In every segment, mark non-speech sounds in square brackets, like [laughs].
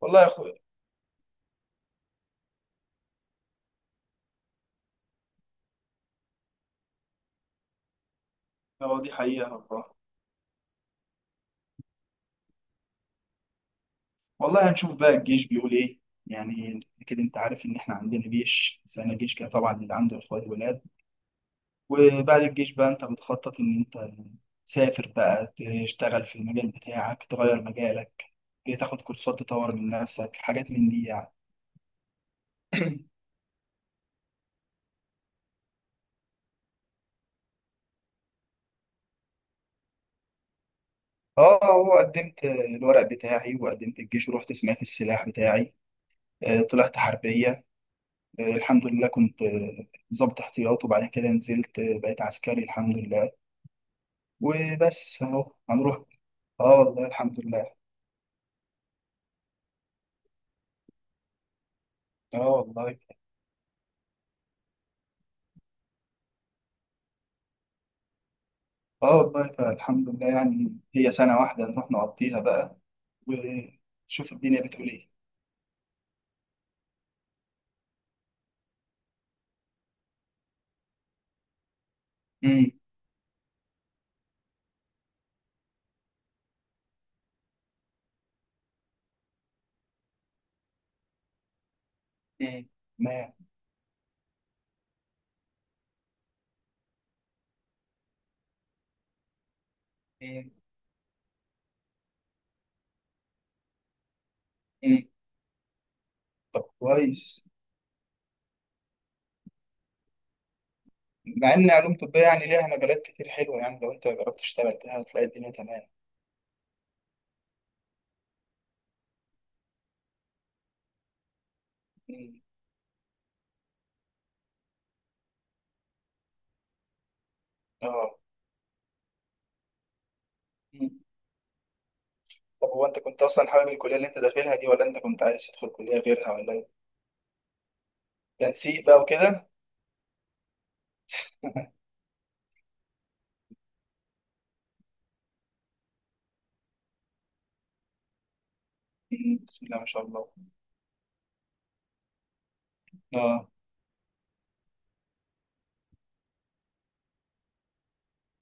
والله يا اخويا، هو دي حقيقة والله. والله هنشوف بقى الجيش بيقول ايه. يعني اكيد انت عارف ان احنا عندنا جيش سنة، جيش كده طبعا اللي عنده اخوات ولاد. وبعد الجيش بقى انت بتخطط ان انت تسافر بقى، تشتغل في المجال بتاعك، تغير مجالك، تاخد كورسات، تطور من نفسك، حاجات من دي يعني. اه، هو قدمت الورق بتاعي وقدمت الجيش ورحت سمعت السلاح بتاعي. طلعت حربية. الحمض لله كنت ضابط احتياط، وبعد كده نزلت، بقيت عسكري الحمد لله. وبس اهو هنروح. اه والله الحمد لله. اه والله. اه والله فالحمد لله. يعني هي سنة واحدة نروح نقضيها بقى ونشوف الدنيا بتقول ايه. امم امم تمام. امم امم طب كويس. مع ان علوم طبية يعني ليها مجالات كتير حلوة، يعني لو انت جربت تشتغل فيها هتلاقي الدنيا تمام. امم اه. مم. طب هو انت كنت اصلا حابب الكلية اللي انت داخلها دي، ولا انت كنت عايز تدخل كلية غيرها، ولا ايه؟ تنسيق بقى وكده. [laughs] مم. بسم الله ما شاء الله. اه،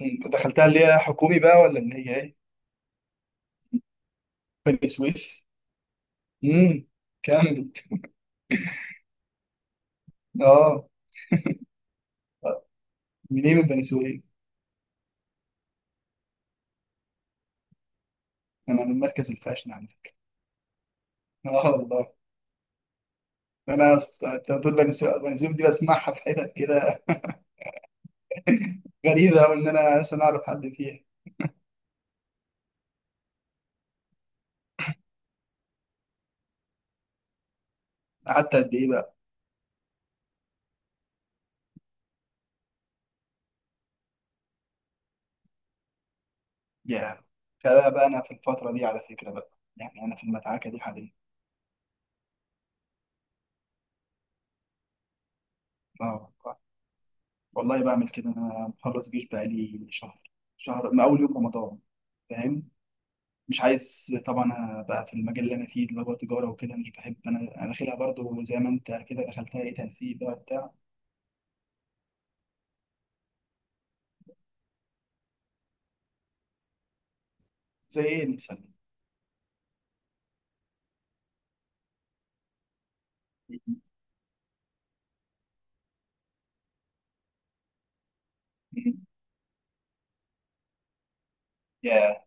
انت دخلتها اللي هي حكومي بقى، ولا اللي هي ايه؟ بني سويف؟ امم. كمل. اه، منين من بني سويف؟ انا من المركز الفاشن على فكره. اه والله. انا انت بتقول بني سويف، بني سويف دي بسمعها في حتت كده. غريبه قوي ان انا اصلا اعرف حد فيها. قعدت قد ايه بقى؟ يا فبقى انا في الفتره دي على فكره بقى. يعني انا في المدعكه دي حاليا. اه والله. والله بعمل كده، انا مخلص جيش بقى لي شهر، شهر من اول يوم رمضان. فاهم؟ مش عايز طبعا ابقى في المجال اللي انا فيه، اللي هو تجاره وكده. مش بحب، انا داخلها برضو زي ما انت كده دخلتها، ايه، تنسيق بقى بتاع. زي ايه مثلا؟ [laughs] يا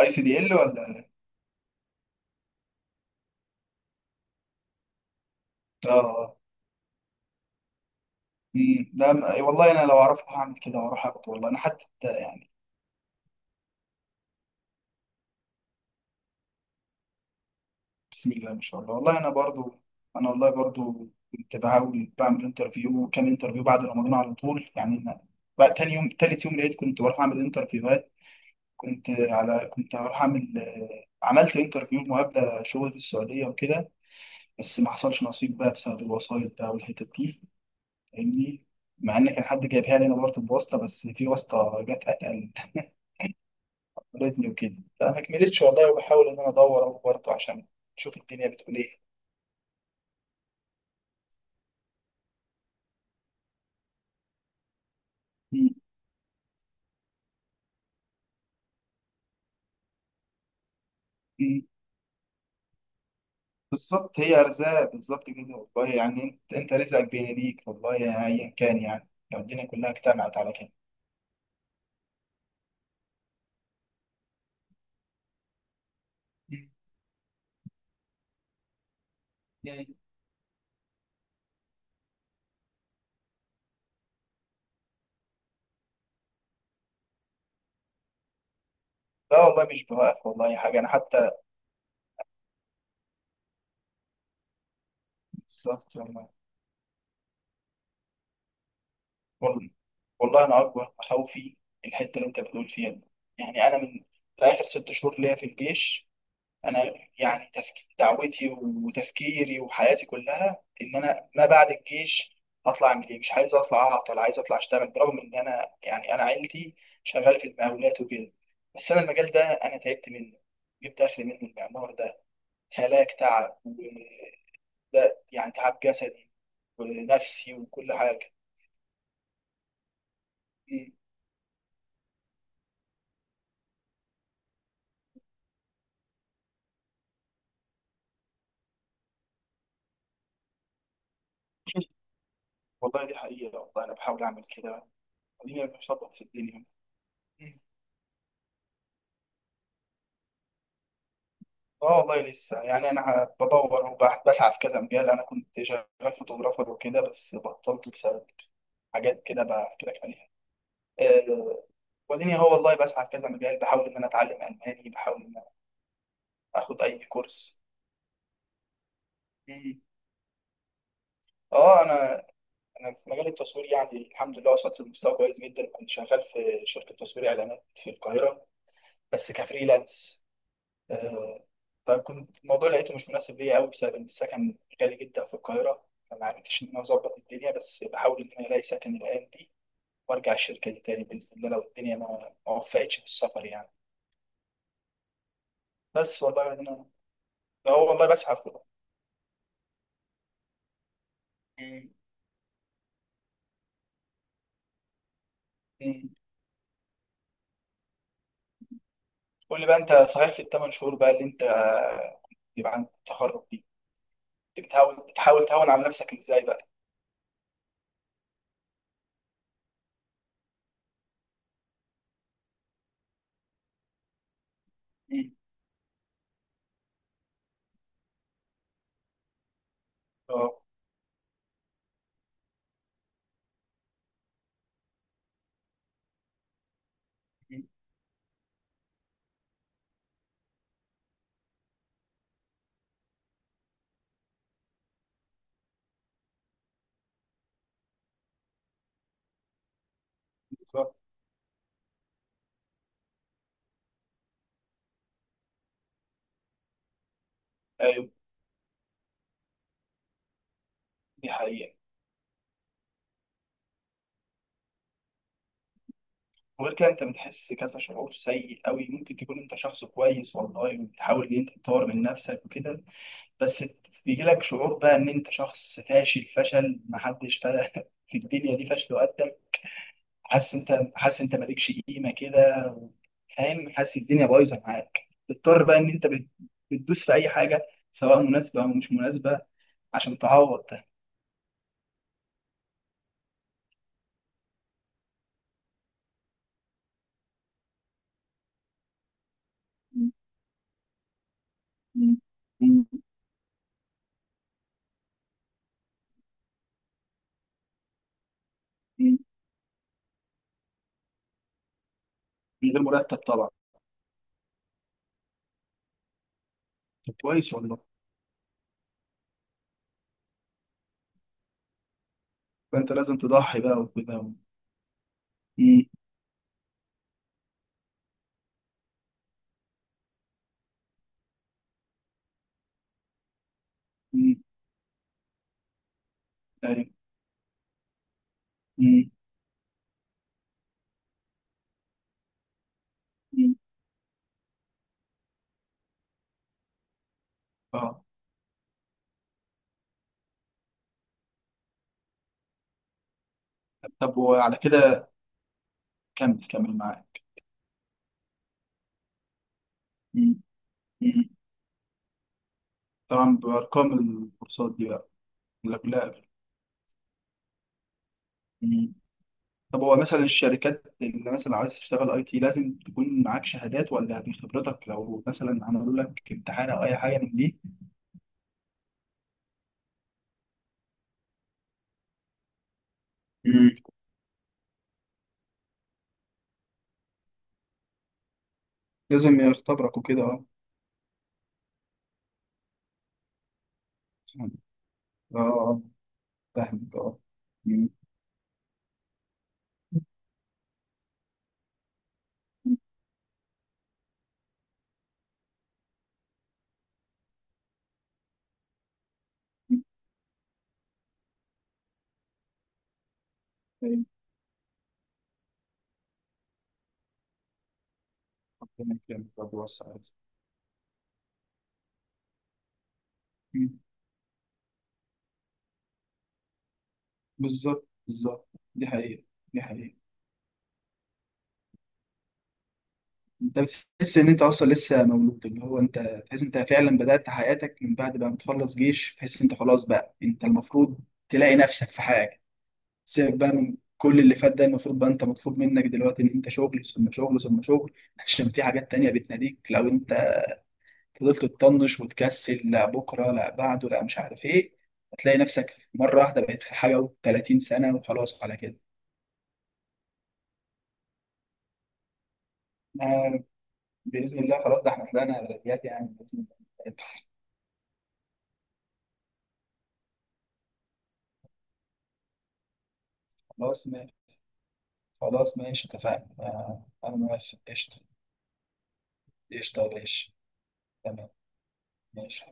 اي سي دي ال، ولا؟ اه. مم. ده أي والله انا لو اعرفه هعمل كده واروح اخده. والله انا حتى يعني، بسم الله ما شاء الله. والله انا برضو، انا والله برضو كنت بحاول بعمل انترفيو، وكام انترفيو بعد رمضان على طول. يعني أنا بقى تاني يوم تالت يوم لقيت كنت بروح اعمل انترفيو. كنت هروح اعمل، عملت انترفيو وهبدا شغل في السعوديه وكده. بس ما حصلش نصيب بقى بسبب الوسايط بقى والحتت دي. فاهمني، مع ان كان حد جايبها لي، انا برضه بواسطه، بس في واسطه جت اتقل قابلتني وكده، فما كملتش والله. وبحاول ان انا ادور اهو برضه عشان اشوف الدنيا بتقول ايه. م- م. بالظبط، هي ارزاق بالظبط كده والله. يعني انت رزقك بين ايديك والله، ايا كان، يعني لو الدنيا كلها اجتمعت على كده. م. لا والله مش بوقف والله حاجة. أنا حتى بالظبط والله. وال- والله انا اكبر خوفي الحته اللي انت بتقول فيها دي. يعني انا من، في اخر ست شهور ليا في الجيش، انا يعني دعوتي وتفكيري وحياتي كلها ان انا ما بعد الجيش هطلع اعمل ايه. مش عايز اطلع اعطل، عايز اطلع اشتغل، برغم ان انا يعني انا عيلتي شغاله في المقاولات وكده، بس انا المجال ده انا تعبت منه. جبت اخر منه المعمار ده، هلاك تعب وده، يعني تعب جسدي ونفسي وكل حاجه. والله دي حقيقة والله. أنا بحاول أعمل كده، خليني أشطب في الدنيا. مم. آه والله لسه. يعني أنا بدور وبسعى في كذا مجال. أنا كنت شغال فوتوغرافر وكده، بس بطلت بسبب حاجات كده بحكي لك عليها. آه، وديني هو والله بسعى في كذا مجال، بحاول إن أنا أتعلم ألماني، بحاول إن أنا آخد أي كورس. مم. آه، أنا أنا في مجال التصوير يعني الحمد لله وصلت لمستوى كويس جدا. كنت شغال في شركة تصوير إعلانات في القاهرة، بس كفريلانس. آه، فكنت الموضوع لقيته مش مناسب ليا قوي بسبب ان السكن غالي جدا في القاهره. فما عرفتش ان انا اظبط الدنيا، بس بحاول ان انا الاقي سكن الايام دي وارجع الشركه دي تاني باذن الله، لو الدنيا ما وفقتش في السفر يعني. بس والله انا هو والله بسعى في كده. مم. مم. قول لي بقى، انت صحيح في الثمان شهور بقى اللي انت يبقى عند التخرج دي، أنت بتحاول، بتحاول تهون على نفسك ازاي بقى؟ مم. اه. مم. بالظبط. ايوه دي حقيقة. وغير كده انت بتحس كذا شعور سيء قوي. ممكن تكون انت شخص كويس والله وبتحاول ان انت تطور من نفسك وكده، بس بيجي لك شعور بقى ان انت شخص فاشل، فشل محدش [laughs] في الدنيا دي فشل وقدك. حاسس، انت حاسس انت مالكش قيمه كده. فاهم، حاسس الدنيا بايظه معاك. بتضطر بقى ان انت بتدوس في اي حاجه، سواء مناسبه او مش مناسبه، عشان تعوض ده. [laughs] من غير مرتب طبعا. طب كويس والله. فانت لازم تضحي بقى وكده. مم. ايوه. مم. مم. اه، طب وعلى كده، كمل كمل معايا. مم. مم. طبعا بارقام الكورسات دي بقى، ولا كلها؟ مم. طب هو مثلا الشركات اللي مثلا عايز تشتغل اي تي، لازم تكون معاك شهادات، ولا من خبرتك لو مثلا عملوا لك امتحان او اي حاجه من دي؟ مم. لازم يختبرك وكده، اه. اه آه. فاهمك، اه. مم. مم. أيوة. ربنا يكرمك، ربنا يوسع عليك. مم. بالظبط بالظبط. دي حقيقة. دي حقيقة. انت بتحس ان انت اصلا لسه مولود، اللي هو انت تحس انت فعلا بدأت حياتك من بعد بقى ما تخلص جيش. تحس انت خلاص بقى، انت المفروض تلاقي نفسك في حاجه. سيبك بقى من كل اللي فات ده، المفروض بقى انت مطلوب منك دلوقتي ان انت شغل ثم شغل ثم شغل، عشان في حاجات تانية بتناديك. لو انت فضلت تطنش وتكسل، لا بكره لا بعده لا مش عارف ايه، هتلاقي نفسك مره واحده بقيت في حاجه و30 سنه وخلاص على كده. آه، باذن الله. خلاص، ده احنا طلعنا بلديات يعني، باذن الله. خلاص خلاص ماشي، اتفقنا. أنا موافق، قشطة. قشطة يا باشا. تمام. ماشي.